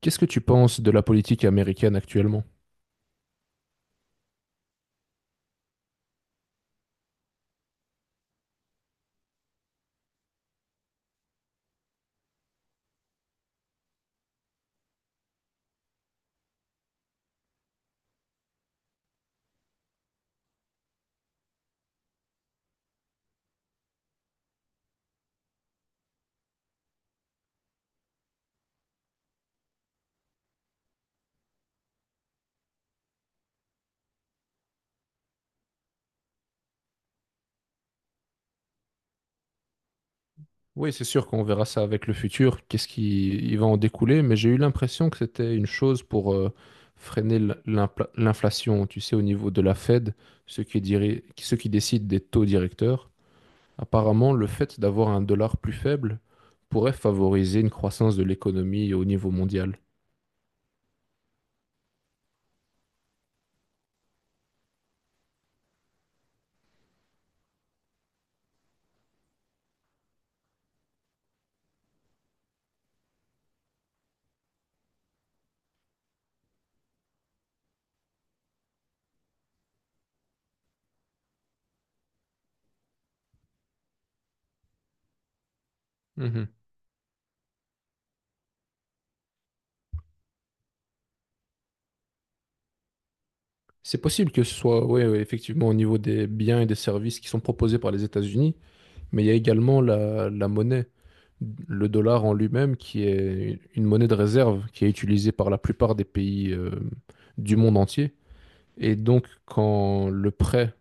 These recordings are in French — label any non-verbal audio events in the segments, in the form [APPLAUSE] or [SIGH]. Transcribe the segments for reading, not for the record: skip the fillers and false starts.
Qu'est-ce que tu penses de la politique américaine actuellement? Oui, c'est sûr qu'on verra ça avec le futur, qu'est-ce qui il va en découler, mais j'ai eu l'impression que c'était une chose pour freiner l'inflation, tu sais, au niveau de la Fed, ceux qui ceux qui décident des taux directeurs. Apparemment, le fait d'avoir un dollar plus faible pourrait favoriser une croissance de l'économie au niveau mondial. Mhm. C'est possible que ce soit, ouais, ouais, effectivement, au niveau des biens et des services qui sont proposés par les États-Unis, mais il y a également la monnaie. Le dollar en lui-même, qui est une monnaie de réserve, qui est utilisée par la plupart des pays du monde entier. Et donc, quand le prêt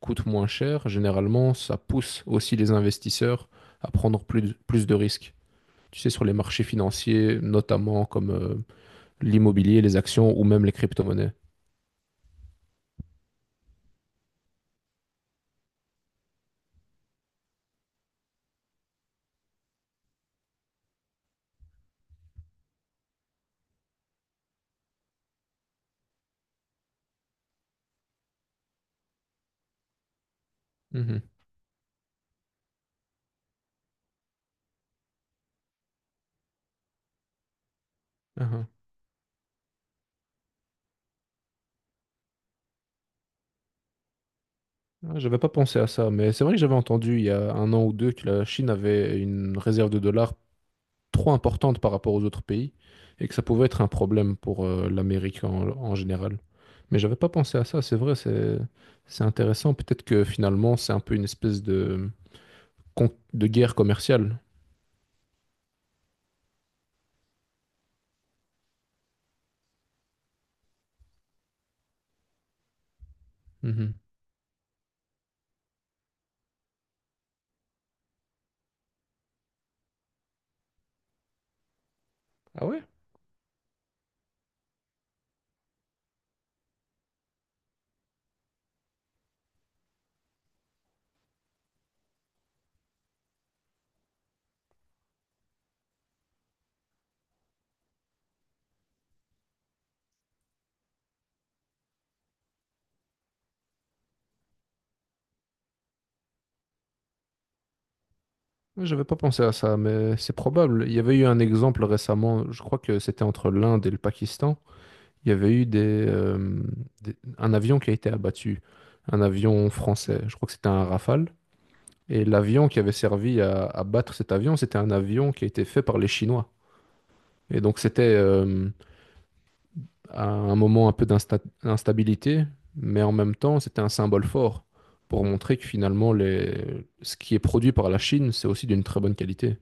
coûte moins cher, généralement, ça pousse aussi les investisseurs à prendre plus de risques. Tu sais, sur les marchés financiers, notamment comme l'immobilier, les actions ou même les crypto-monnaies. Mhm. Ah ah. Ah, j'avais pas pensé à ça, mais c'est vrai que j'avais entendu il y a un an ou deux que la Chine avait une réserve de dollars trop importante par rapport aux autres pays et que ça pouvait être un problème pour l'Amérique en, en général. Mais j'avais pas pensé à ça, c'est vrai, c'est intéressant. Peut-être que finalement c'est un peu une espèce de guerre commerciale. Mhm. Ah ouais? Ouais, j'avais pas pensé à ça, mais c'est probable. Il y avait eu un exemple récemment, je crois que c'était entre l'Inde et le Pakistan. Il y avait eu un avion qui a été abattu, un avion français, je crois que c'était un Rafale. Et l'avion qui avait servi à abattre cet avion, c'était un avion qui a été fait par les Chinois. Et donc c'était à un moment un peu d'instabilité, mais en même temps c'était un symbole fort pour montrer que finalement les ce qui est produit par la Chine, c'est aussi d'une très bonne qualité.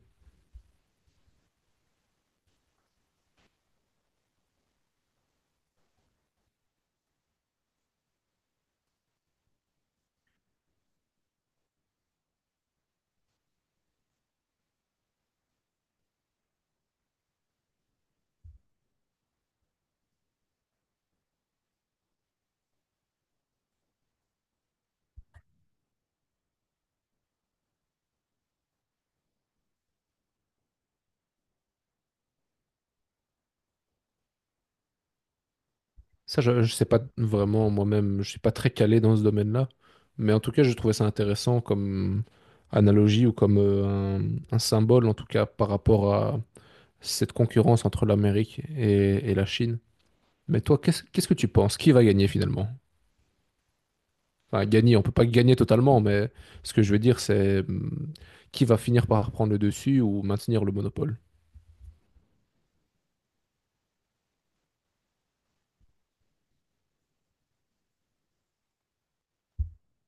Ça, je sais pas vraiment moi-même, je suis pas très calé dans ce domaine-là, mais en tout cas, je trouvais ça intéressant comme analogie ou comme un symbole, en tout cas, par rapport à cette concurrence entre l'Amérique et la Chine. Mais toi, qu'est-ce que tu penses? Qui va gagner finalement? Enfin, gagner, on peut pas gagner totalement, mais ce que je veux dire, c'est qui va finir par prendre le dessus ou maintenir le monopole?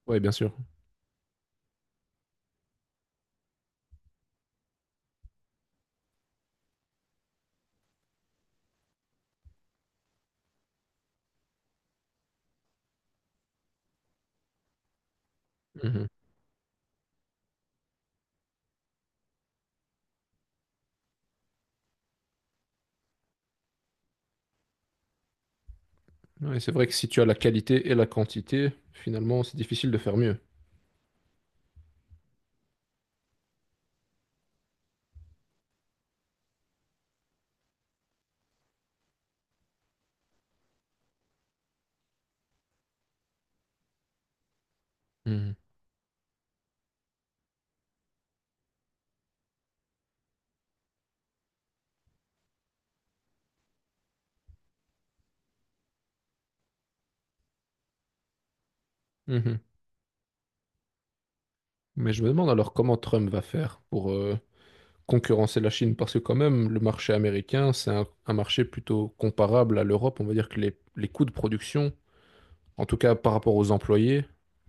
Oui, bien sûr. Mhm. Ouais, c'est vrai que si tu as la qualité et la quantité, finalement, c'est difficile de faire mieux. Mhm. Mhm. Mais je me demande alors comment Trump va faire pour concurrencer la Chine, parce que quand même, le marché américain, c'est un marché plutôt comparable à l'Europe. On va dire que les coûts de production, en tout cas par rapport aux employés,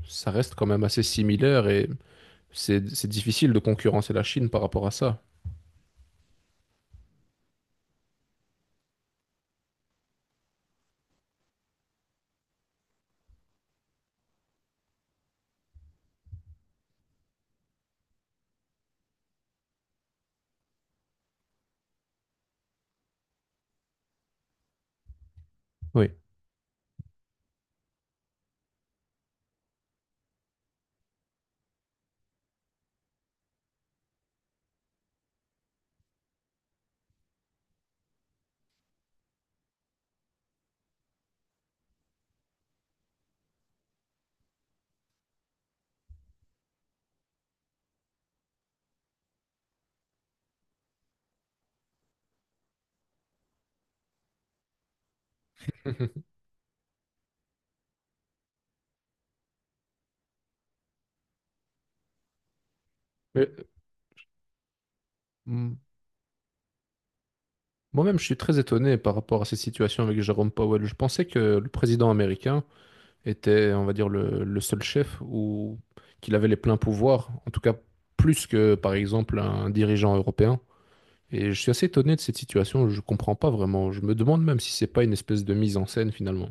ça reste quand même assez similaire et c'est difficile de concurrencer la Chine par rapport à ça. Oui. [LAUGHS] Mais, mm, moi-même, je suis très étonné par rapport à cette situation avec Jérôme Powell. Je pensais que le président américain était, on va dire, le seul chef ou qu'il avait les pleins pouvoirs, en tout cas plus que, par exemple, un dirigeant européen. Et je suis assez étonné de cette situation, je comprends pas vraiment. Je me demande même si c'est pas une espèce de mise en scène finalement.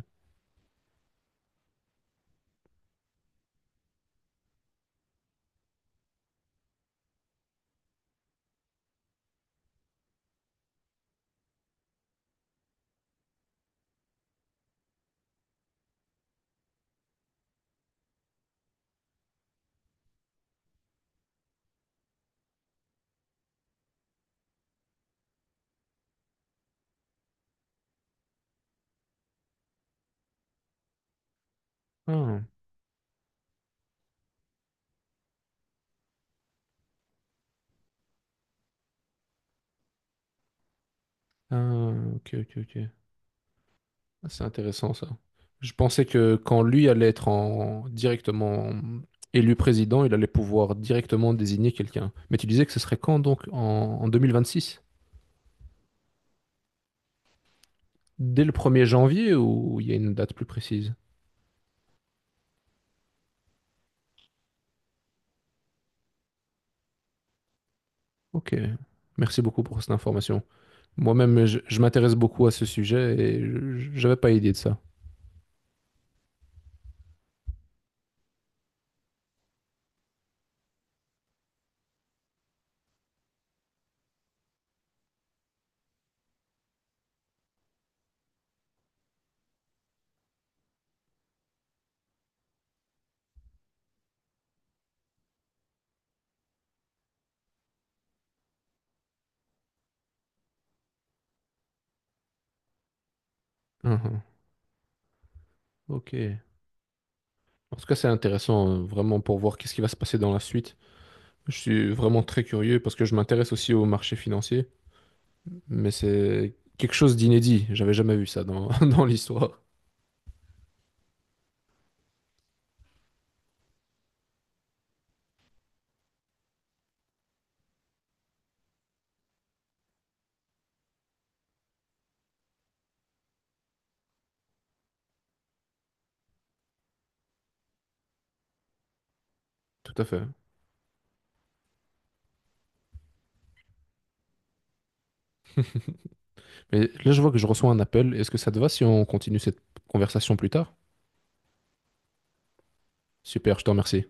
Ah, ah, ok, ok, ok. Ah, c'est intéressant ça. Je pensais que quand lui allait être en directement élu président, il allait pouvoir directement désigner quelqu'un. Mais tu disais que ce serait quand donc? En, en 2026? Dès le 1er janvier ou il y a une date plus précise? Ok. Merci beaucoup pour cette information. Moi-même, je m'intéresse beaucoup à ce sujet et je n'avais pas idée de ça. Uhum. Ok. En tout cas, c'est intéressant vraiment pour voir qu'est-ce qui va se passer dans la suite. Je suis vraiment très curieux parce que je m'intéresse aussi au marché financier, mais c'est quelque chose d'inédit. J'avais jamais vu ça dans, [LAUGHS] dans l'histoire. Tout à fait. Mais là, je vois que je reçois un appel. Est-ce que ça te va si on continue cette conversation plus tard? Super, je te remercie.